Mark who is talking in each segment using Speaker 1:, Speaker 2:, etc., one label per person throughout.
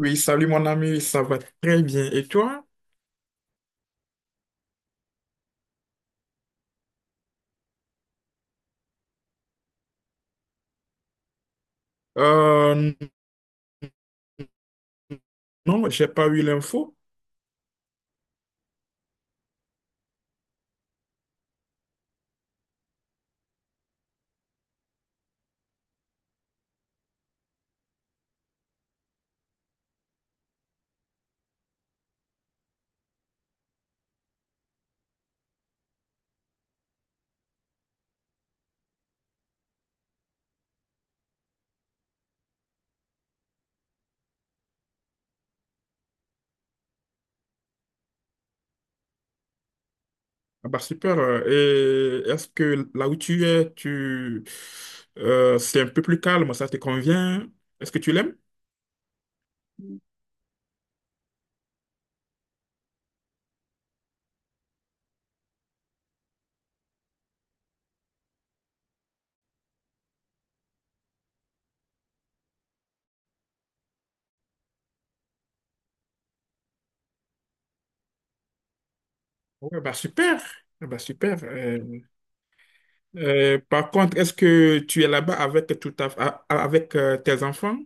Speaker 1: Oui, salut mon ami, ça va très bien. Et toi? Euh, non, j'ai pas eu l'info. Ah bah super. Et est-ce que là où tu es, tu, c'est un peu plus calme, ça te convient? Est-ce que tu l'aimes? Oui, bah super. Ah bah super. Par contre, est-ce que tu es là-bas avec avec tes enfants?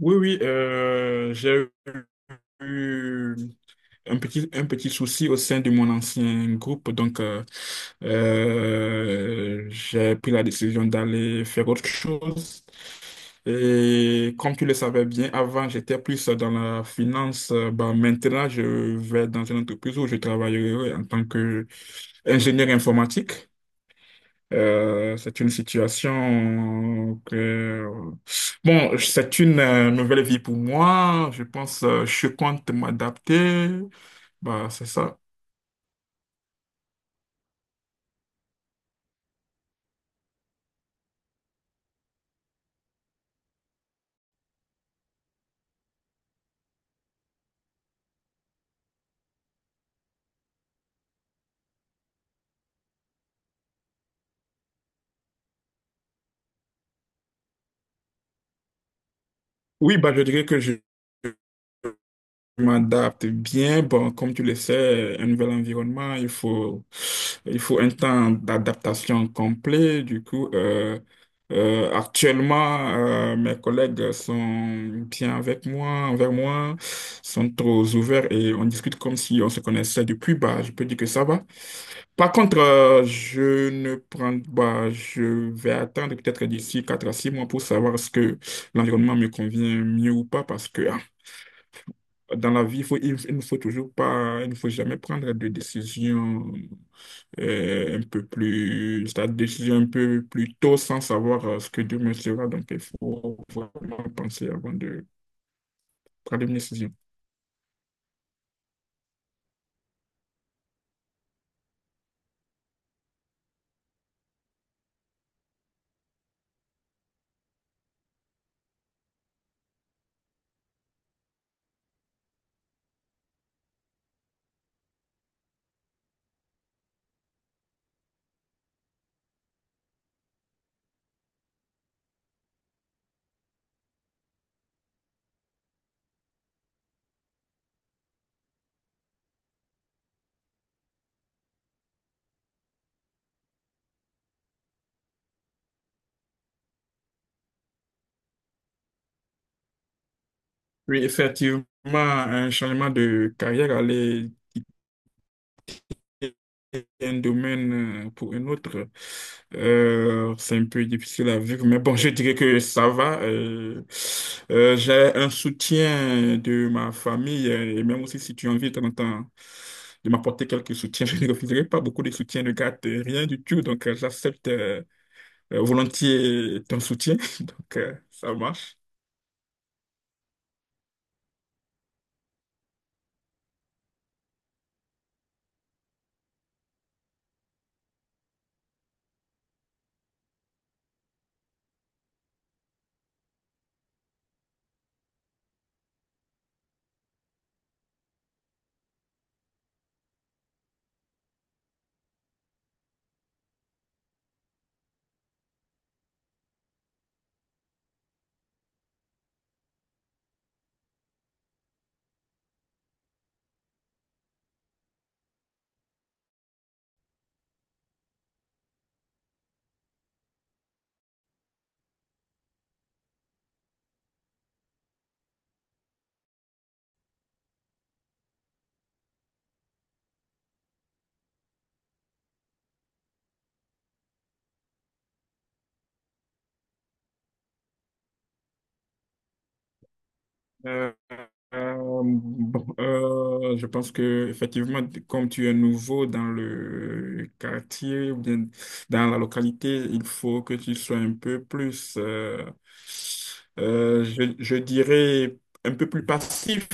Speaker 1: Oui, oui, j'ai eu un petit souci au sein de mon ancien groupe, j'ai pris la décision d'aller faire autre chose. Et comme tu le savais bien, avant j'étais plus dans la finance. Bah, maintenant je vais dans une entreprise où je travaillerai en tant qu'ingénieur informatique. C'est une situation que... Bon, c'est une nouvelle vie pour moi. Je pense, je compte m'adapter. Bah, c'est ça. Oui, bah, je dirais que je... Je m'adapte bien. Bon, comme tu le sais, un nouvel environnement, il faut un temps d'adaptation complet. Du coup, actuellement, mes collègues sont bien avec moi, envers moi, sont trop ouverts et on discute comme si on se connaissait depuis. Bah, je peux dire que ça va. Par contre, je ne prends pas, je vais attendre peut-être d'ici 4 à 6 mois pour savoir ce que l'environnement me convient mieux ou pas, parce que dans la vie, il ne faut toujours pas, il ne faut jamais prendre de décision c'est-à-dire décision un peu plus tôt sans savoir ce que demain sera. Donc, il faut vraiment penser avant de prendre une décision. Oui, effectivement, un changement de carrière allait d'un domaine pour un autre, c'est un peu difficile à vivre. Mais bon, je dirais que ça va. J'ai un soutien de ma famille, et même aussi, si tu as envie de temps en temps de m'apporter quelques soutiens, je ne refuserai pas beaucoup de soutien de garde, rien du tout. Donc, j'accepte volontiers ton soutien. Donc, ça marche. Euh, euh, bon, je pense que effectivement, comme tu es nouveau dans le quartier ou bien dans la localité, il faut que tu sois un peu plus, je dirais, un peu plus passif,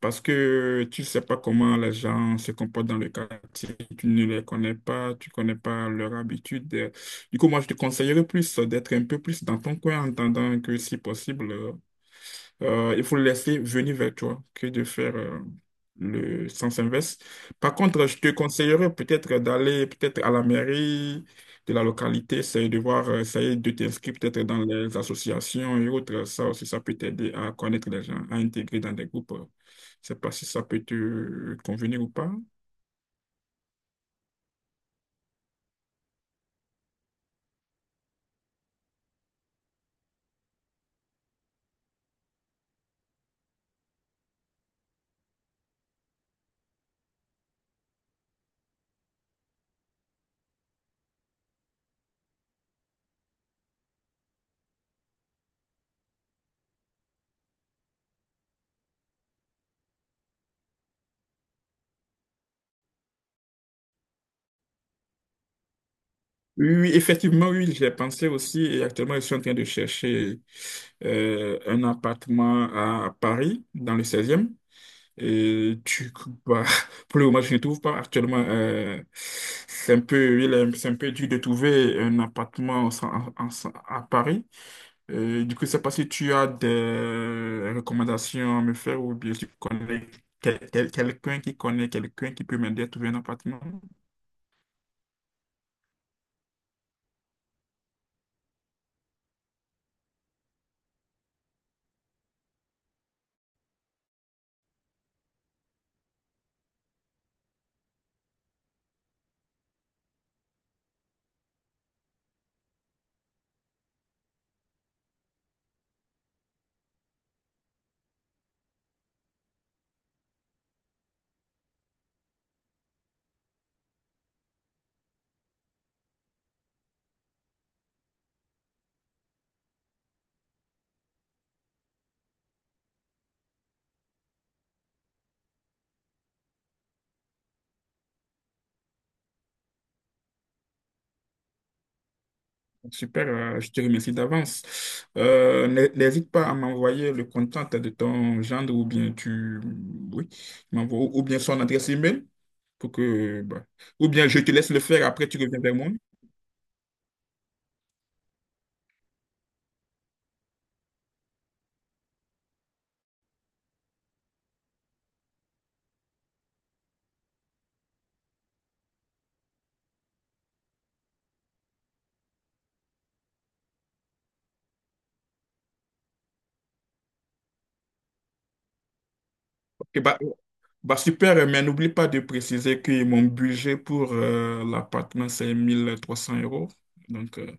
Speaker 1: parce que tu sais pas comment les gens se comportent dans le quartier, tu ne les connais pas, tu connais pas leurs habitudes. Du coup, moi, je te conseillerais plus d'être un peu plus dans ton coin en attendant que si possible. Il faut le laisser venir vers toi que de faire le sens inverse. Par contre, je te conseillerais peut-être d'aller peut-être à la mairie de la localité, essayer de voir, essayer de t'inscrire peut-être dans les associations et autres. Ça aussi, ça peut t'aider à connaître les gens, à intégrer dans des groupes. Je sais pas si ça peut te convenir ou pas. Oui, oui, effectivement, oui, j'ai pensé aussi, et actuellement, je suis en train de chercher un appartement à Paris, dans le seizième. Et tu, bah, pour le moment, je ne trouve pas actuellement. C'est un peu, c'est un peu dur de trouver un appartement à Paris. Du coup, je ne sais pas si tu as des recommandations à me faire ou bien si tu connais quelqu'un qui connaît quelqu'un qui peut m'aider à trouver un appartement. Super, je te remercie d'avance. N'hésite pas à m'envoyer le contact de ton gendre ou bien tu, oui, m'envoies ou bien son adresse email pour que, bah, ou bien je te laisse le faire après tu reviens vers moi. Ok, bah super, mais n'oublie pas de préciser que mon budget pour l'appartement, c'est 1300 euros. Donc,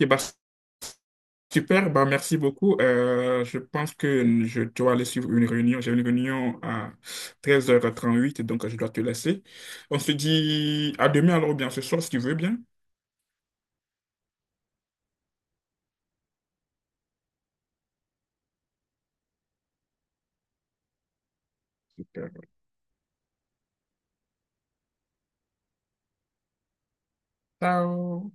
Speaker 1: et bah, super, bah, merci beaucoup. Je pense que je dois aller suivre une réunion. J'ai une réunion à 13h38, donc je dois te laisser. On se dit à demain, alors, ou bien ce soir, si tu veux bien. Super. Ciao.